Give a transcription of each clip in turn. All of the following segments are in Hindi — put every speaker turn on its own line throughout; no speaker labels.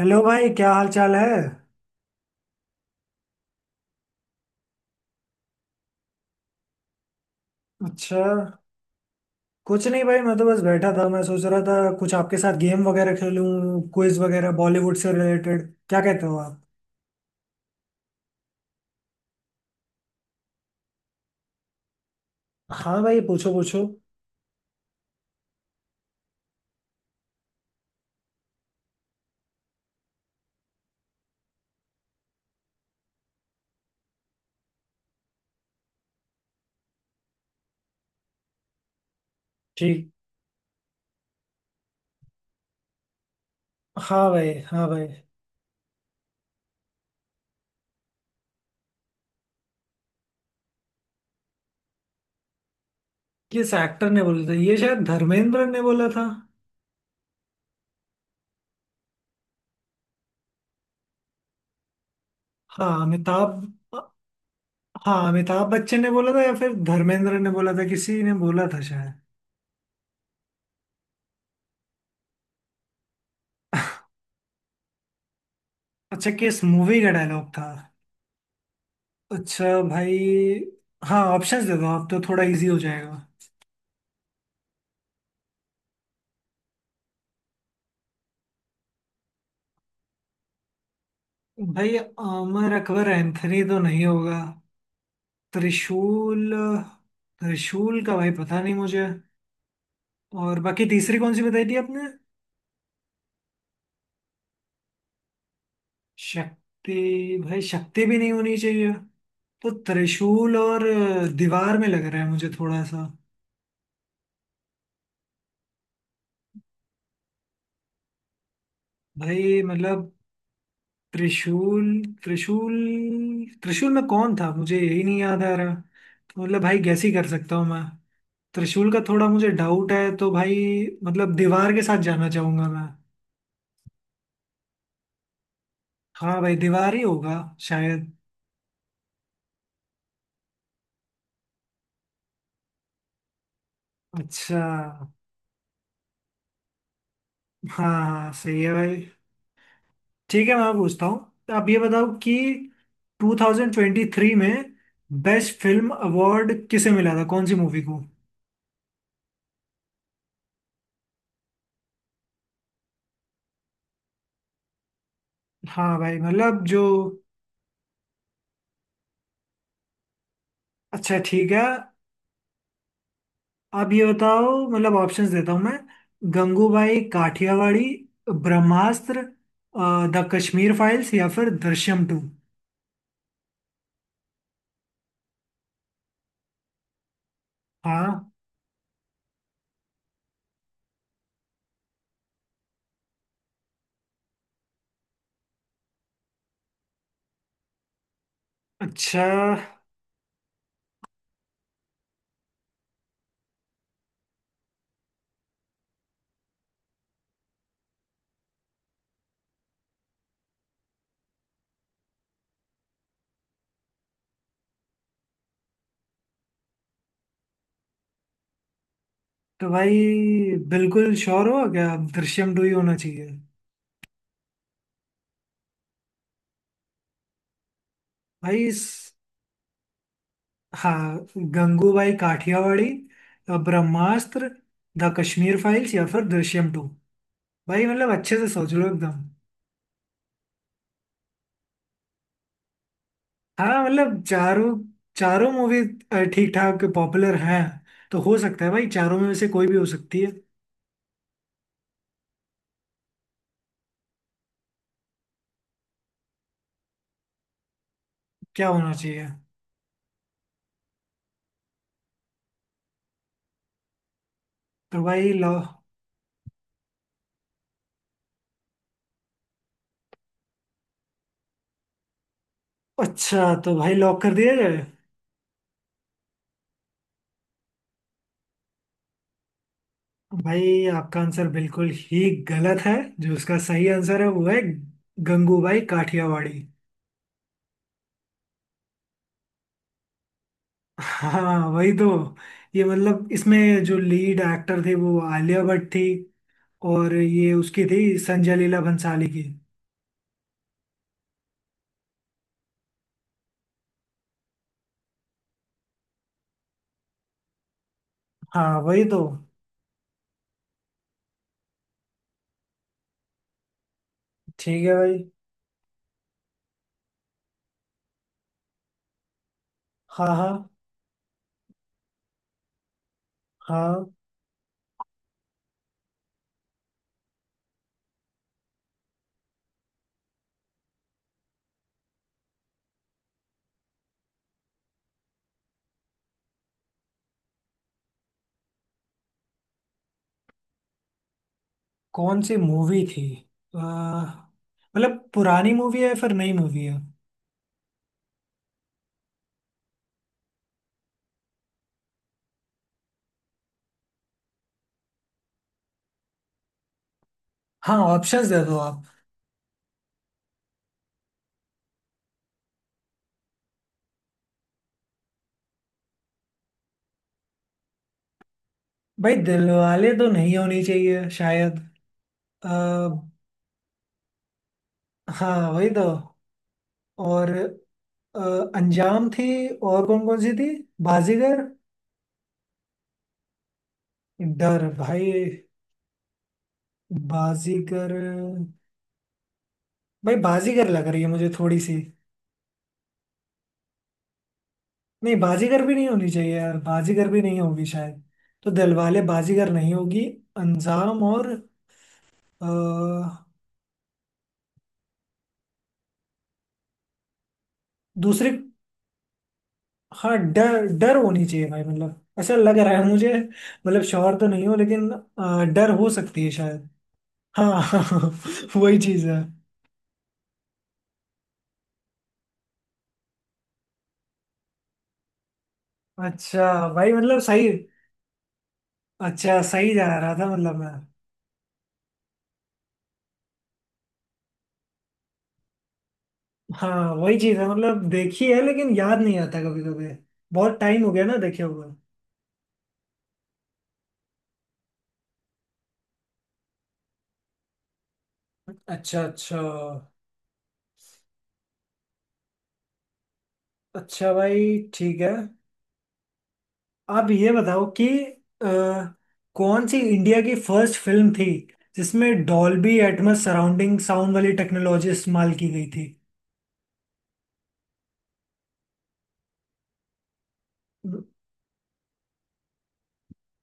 हेलो भाई, क्या हाल चाल है। अच्छा। कुछ नहीं भाई, मैं तो बस बैठा था। मैं सोच रहा था कुछ आपके साथ गेम वगैरह खेलूं, क्विज वगैरह बॉलीवुड से रिलेटेड। क्या कहते हो आप? हाँ भाई, पूछो पूछो। ठीक। हाँ भाई, हाँ भाई। किस एक्टर ने बोला था ये? शायद धर्मेंद्र ने बोला था। हाँ अमिताभ। हाँ, अमिताभ बच्चन ने बोला था या फिर धर्मेंद्र ने बोला था, किसी ने बोला था शायद। अच्छा, किस मूवी का डायलॉग था? अच्छा भाई। हाँ, ऑप्शंस दे दो, आप तो थोड़ा इजी हो जाएगा। भाई आमिर अकबर एंथनी तो नहीं होगा। त्रिशूल। त्रिशूल का भाई पता नहीं मुझे। और बाकी तीसरी कौन सी बताई थी आपने? शक्ति। भाई शक्ति भी नहीं होनी चाहिए। तो त्रिशूल और दीवार में लग रहा है मुझे थोड़ा सा। भाई मतलब त्रिशूल, त्रिशूल, त्रिशूल में कौन था मुझे यही नहीं याद आ रहा, तो मतलब भाई गैस ही कर सकता हूँ मैं। त्रिशूल का थोड़ा मुझे डाउट है तो भाई, मतलब दीवार के साथ जाना चाहूंगा मैं। हाँ भाई, दीवार ही होगा शायद। अच्छा। हाँ हाँ, सही है भाई। ठीक है, मैं पूछता हूँ। आप ये बताओ कि 2023 में बेस्ट फिल्म अवार्ड किसे मिला था, कौन सी मूवी को? हाँ भाई मतलब जो। अच्छा ठीक है, आप ये बताओ, मतलब ऑप्शंस देता हूँ मैं। गंगूबाई काठियावाड़ी, ब्रह्मास्त्र, द कश्मीर फाइल्स या फिर दृश्यम टू। हाँ। अच्छा, तो भाई बिल्कुल श्योर हो क्या अब, दृश्यम टू ही होना चाहिए? भाई इस- हाँ। गंगूबाई काठियावाड़ी, ब्रह्मास्त्र, द कश्मीर फाइल्स या फिर दृश्यम टू। भाई मतलब अच्छे से सोच लो एकदम। हाँ मतलब चारों चारों मूवी ठीक ठाक पॉपुलर हैं, तो हो सकता है भाई चारों में से कोई भी हो सकती है। क्या होना चाहिए? तो भाई लॉ- अच्छा, तो भाई लॉक कर दिया जाए? भाई आपका आंसर बिल्कुल ही गलत है। जो उसका सही आंसर है वो है गंगूबाई काठियावाड़ी। हाँ वही तो। ये मतलब इसमें जो लीड एक्टर थे वो आलिया भट्ट थी, और ये उसकी थी संजय लीला भंसाली की। हाँ वही तो। ठीक है भाई। हाँ हाँ। हाँ, कौन सी मूवी थी? मतलब पुरानी मूवी है फिर नई मूवी है? हाँ, ऑप्शंस दे दो आप। भाई दिलवाले तो नहीं होनी चाहिए शायद। आ, हाँ वही तो। और अ, अंजाम थी। और कौन कौन सी थी? बाजीगर। डर भाई, बाजीगर। भाई बाजीगर लग रही है मुझे थोड़ी सी। नहीं, बाजीगर भी नहीं होनी चाहिए यार, बाजीगर भी नहीं होगी शायद। तो दिलवाले, बाजीगर नहीं होगी। अंजाम और दूसरे। हाँ, डर, डर होनी चाहिए भाई, मतलब ऐसा लग रहा है मुझे। मतलब श्योर तो नहीं हो, लेकिन डर हो सकती है शायद। हाँ हाँ, वही चीज है। अच्छा भाई, मतलब सही। अच्छा, सही जा रहा था मतलब मैं। हाँ वही चीज है, मतलब देखी है लेकिन याद नहीं आता कभी कभी। बहुत टाइम हो गया ना देखे हुए। अच्छा अच्छा। अच्छा भाई ठीक है। आप ये बताओ कि अ, कौन सी इंडिया की फर्स्ट फिल्म थी जिसमें डॉल्बी एटमॉस सराउंडिंग साउंड वाली टेक्नोलॉजी इस्तेमाल की गई थी?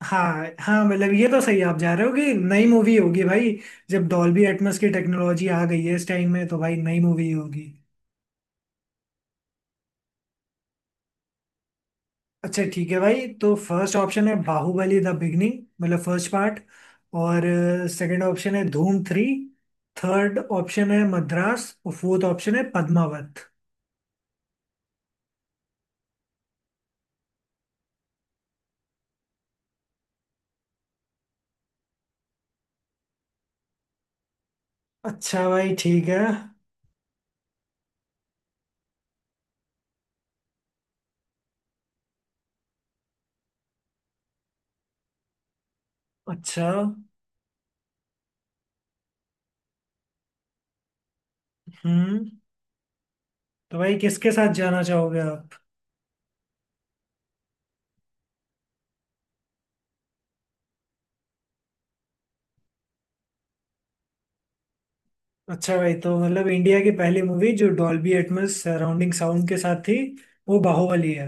हाँ हाँ, मतलब ये तो सही आप जा रहे हो कि नई मूवी होगी भाई। जब डॉल्बी एटमॉस की टेक्नोलॉजी आ गई है इस टाइम में तो भाई नई मूवी होगी। अच्छा ठीक है भाई, तो फर्स्ट ऑप्शन है बाहुबली द बिगनिंग, मतलब फर्स्ट पार्ट। और सेकंड ऑप्शन है धूम थ्री। थर्ड ऑप्शन है मद्रास, और फोर्थ ऑप्शन है पद्मावत। अच्छा भाई ठीक है। अच्छा। हम्म तो भाई किसके साथ जाना चाहोगे आप? अच्छा भाई, तो मतलब इंडिया की पहली मूवी जो डॉल्बी एटमॉस सराउंडिंग साउंड के साथ थी, वो बाहुबली है?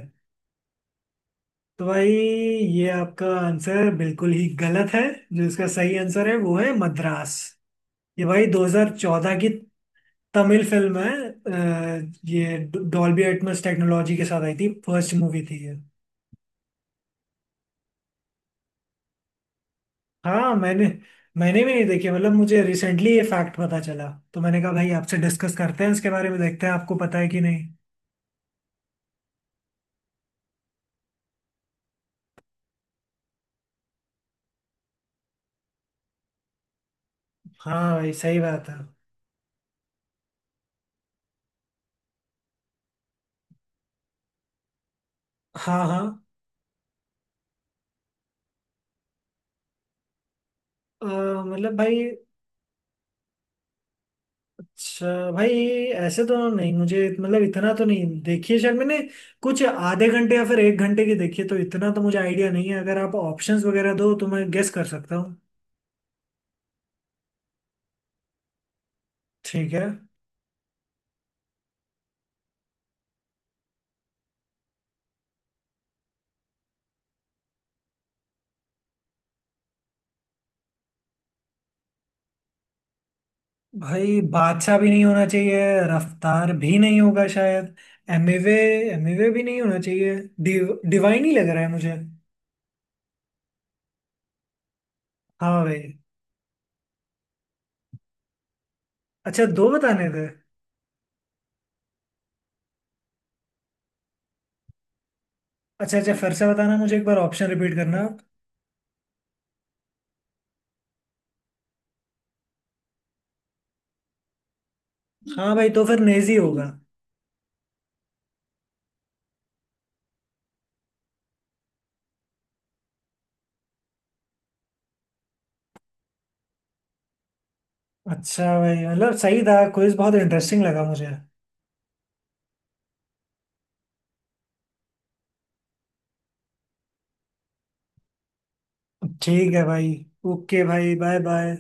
तो भाई, ये आपका आंसर बिल्कुल ही गलत है। जो इसका सही आंसर है वो है मद्रास। ये भाई 2014 की तमिल फिल्म है, ये डॉल्बी एटमॉस टेक्नोलॉजी के साथ आई थी, फर्स्ट मूवी थी ये। हाँ मैंने मैंने भी नहीं देखी, मतलब मुझे रिसेंटली ये फैक्ट पता चला तो मैंने कहा भाई आपसे डिस्कस करते हैं इसके बारे में, देखते हैं आपको पता है कि नहीं। हाँ भाई सही बात है। हाँ हाँ। अ, मतलब भाई, अच्छा भाई, ऐसे तो नहीं, मुझे मतलब इतना तो नहीं देखी है शायद मैंने। कुछ आधे घंटे या फिर एक घंटे की देखी है, तो इतना तो मुझे आइडिया नहीं है। अगर आप ऑप्शंस वगैरह दो तो मैं गेस कर सकता हूँ। ठीक है भाई। बादशाह भी नहीं होना चाहिए, रफ्तार भी नहीं होगा शायद। एमिवे एमिवे भी नहीं होना चाहिए। डिवाइन ही लग रहा है मुझे। हाँ भाई। अच्छा, दो बताने थे? अच्छा अच्छा, फिर से बताना मुझे एक बार, ऑप्शन रिपीट करना आप। हाँ भाई, तो फिर नेजी होगा। अच्छा भाई मतलब सही था, क्विज बहुत इंटरेस्टिंग लगा मुझे। ठीक है भाई। ओके भाई, बाय बाय।